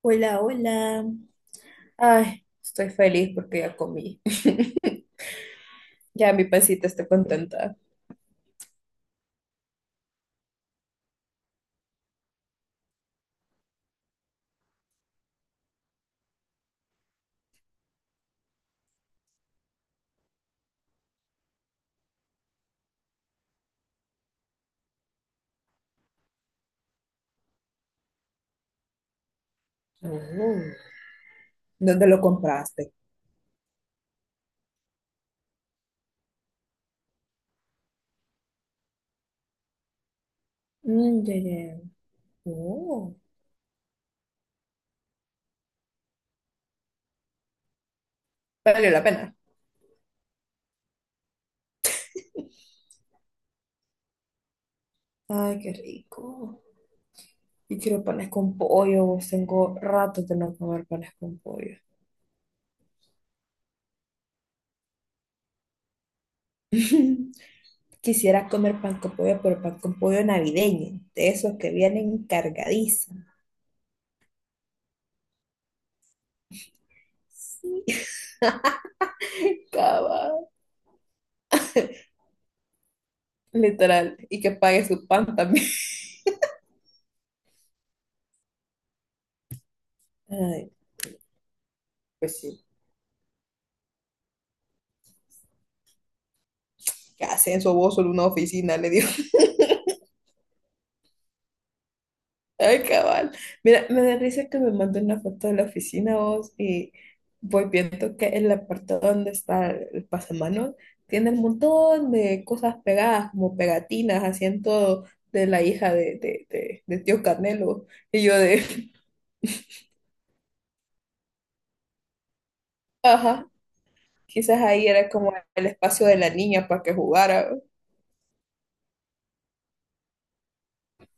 Hola, hola. Ay, estoy feliz porque ya comí. Ya mi pancita está contenta. Oh. ¿Dónde lo compraste? Mm, ya, ya, ya. Oh, valió la pena. Ay, qué rico. Yo quiero panes con pollo. Tengo rato de no comer panes con pollo. Quisiera comer pan con pollo, pero pan con pollo navideño, de esos que vienen cargadísimos. Cava, literal. Y que pague su pan también. Ay, pues sí. ¿Qué hacen su voz solo una oficina? Le digo. Ay, cabal. Mira, me da risa que me mande una foto de la oficina vos y voy viendo que en la parte donde está el pasamanos tiene un montón de cosas pegadas, como pegatinas, así en todo, de la hija de tío Canelo. Y yo de, ajá, quizás ahí era como el espacio de la niña para que jugara.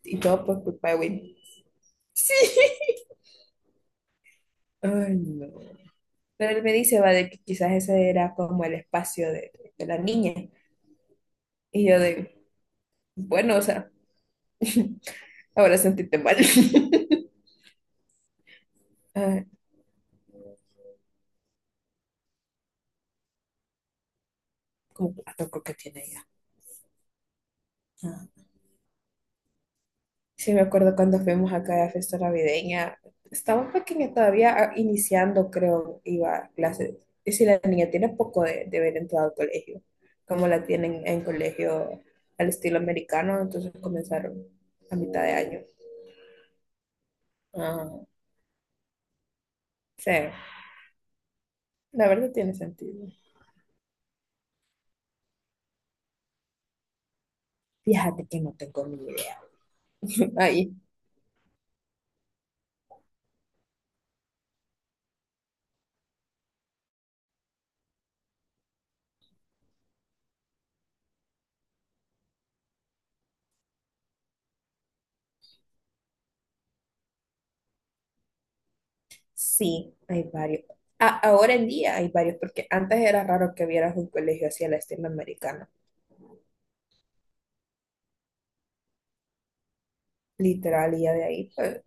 Y todo por culpa de Win. Sí. Ay, no. Pero él me dice, va, de que quizás ese era como el espacio de la niña. Y yo de, bueno, o sea, ahora sentíte mal. Ah, como cuatro creo que tiene ya. Ah. Sí, me acuerdo cuando fuimos acá a la fiesta navideña. Estaba pequeña todavía, ah, iniciando, creo, iba a clases. Y si la niña tiene poco de haber entrado al colegio, como la tienen en colegio al estilo americano, entonces comenzaron a mitad de año. Ah, sí. La verdad tiene sentido. Fíjate que no tengo ni idea. Ahí, sí, hay varios. Ahora en día hay varios, porque antes era raro que vieras un colegio así a la estilo americana. Literal, y ya de ahí, pues,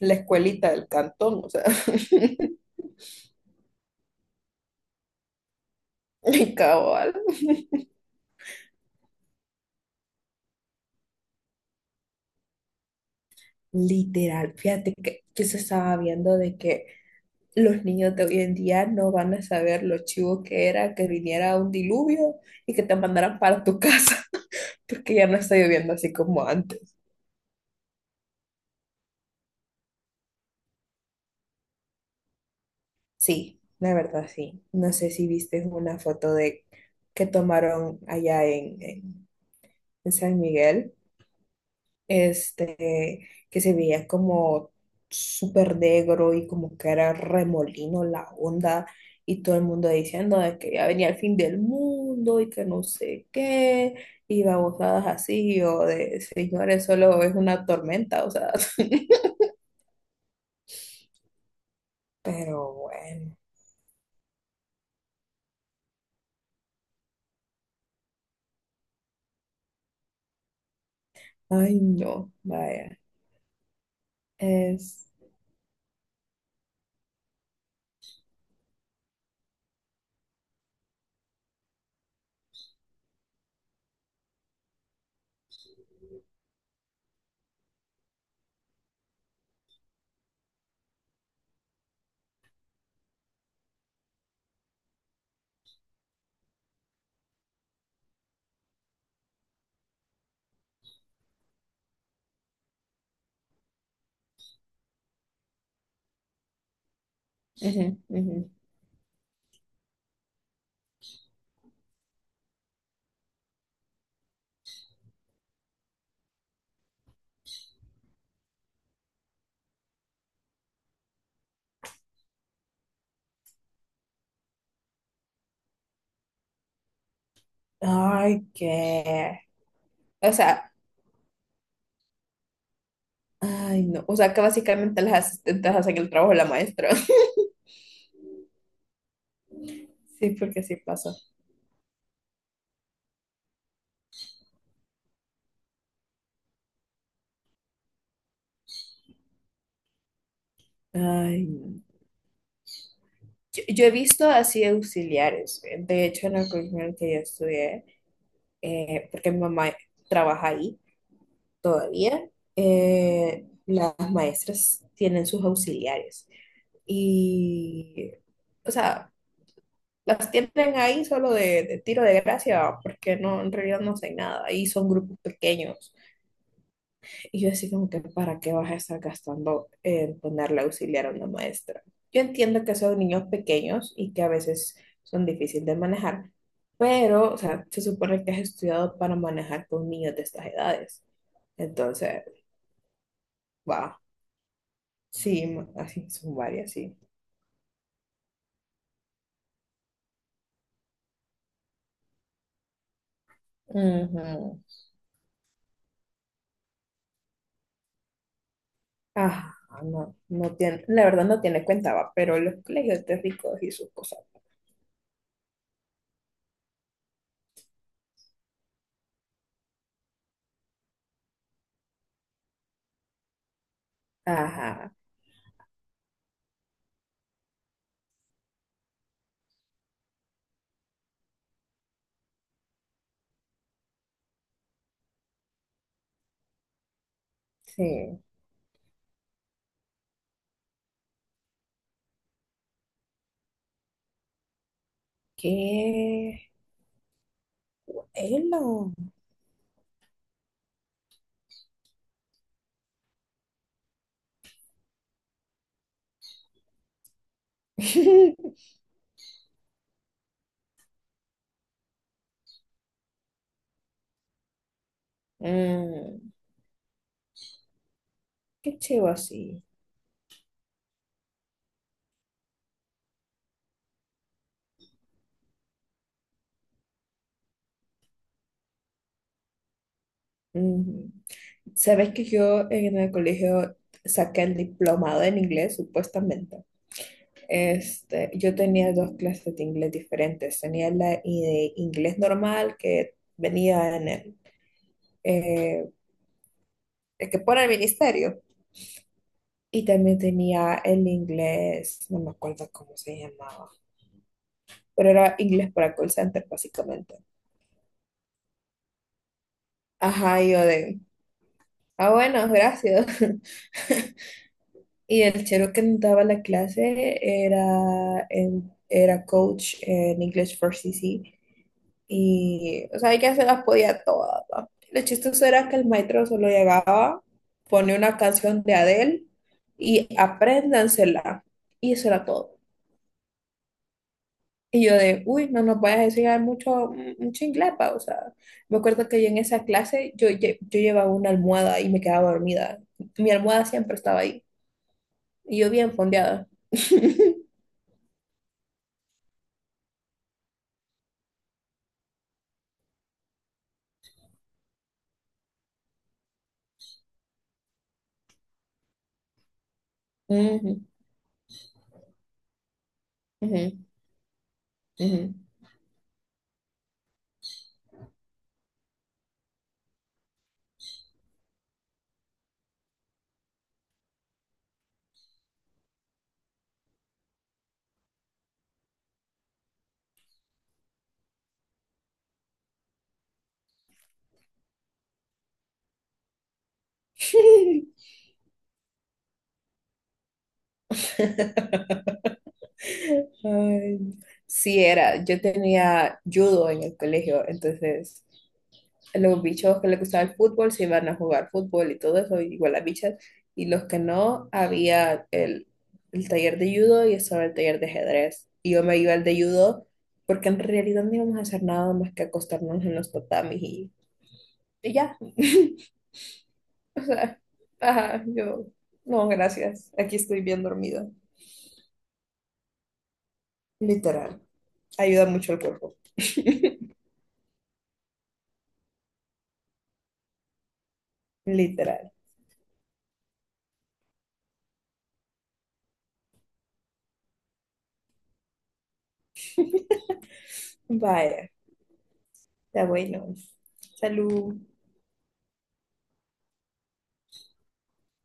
la escuelita del cantón, o sea, cabal. Literal, fíjate que se estaba viendo de que los niños de hoy en día no van a saber lo chivo que era que viniera un diluvio y que te mandaran para tu casa, porque ya no está lloviendo así como antes. Sí, la verdad sí. No sé si viste una foto de que tomaron allá en San Miguel, que se veía como súper negro y como que era remolino la onda y todo el mundo diciendo de que ya venía el fin del mundo y que no sé qué y babosadas así o de señores, solo es una tormenta, o sea, pero bueno, ay no, vaya, es... Ujú, ujú. Ay, qué. O sea, ay, no. O sea, que básicamente las asistentes hacen el trabajo de la maestra. Sí, porque sí pasa. Ay, no. Yo he visto así auxiliares. De hecho, en la colegio en el que yo estudié, porque mi mamá trabaja ahí todavía, las maestras tienen sus auxiliares. Y, o sea, las tienen ahí solo de tiro de gracia, porque no, en realidad no hacen nada. Ahí son grupos pequeños. Y yo así como que, ¿para qué vas a estar gastando en ponerle auxiliar a una maestra? Yo entiendo que son niños pequeños y que a veces son difíciles de manejar, pero, o sea, se supone que has estudiado para manejar con niños de estas edades. Entonces, wow, sí, así son varias, sí. Ujú. Ah, no, no tiene, la verdad no tiene cuenta, va, pero los colegios de ricos y sus cosas. Ajá, sí. Qué bueno. Mm. Qué chivo así. Ujú. Sabes que yo en el colegio saqué el diplomado en inglés, supuestamente. Este, yo tenía dos clases de inglés diferentes. Tenía de inglés normal que venía en eh, el que pone el ministerio. Y también tenía el inglés, no me acuerdo cómo se llamaba, pero era inglés para call center, básicamente. Ajá, y yo de, ah, bueno, gracias. Y el chero que nos daba la clase era, era coach en English for CC. Y, o sea, ella se las podía todas. ¿Va? Lo chistoso era que el maestro solo llegaba, pone una canción de Adele y apréndansela. Y eso era todo. Y yo de, uy, no nos vayas a enseñar mucho, mucho inglés, pa", o sea, me acuerdo que yo en esa clase, yo, yo llevaba una almohada y me quedaba dormida. Mi almohada siempre estaba ahí. Y yo bien fondeada. Ujú, ujú, ujú. Ay, sí, era. Yo tenía judo en el colegio, entonces los bichos que les gustaba el fútbol se iban a jugar fútbol y todo eso, igual las bichas. Y los que no, había el taller de judo y estaba el taller de ajedrez. Y yo me iba al de judo porque en realidad no íbamos a hacer nada más que acostarnos en los tatamis y ya. Ajá, yo, no, gracias. Aquí estoy bien dormida. Literal. Ayuda mucho al cuerpo. Literal. Vaya, está bueno. Salud.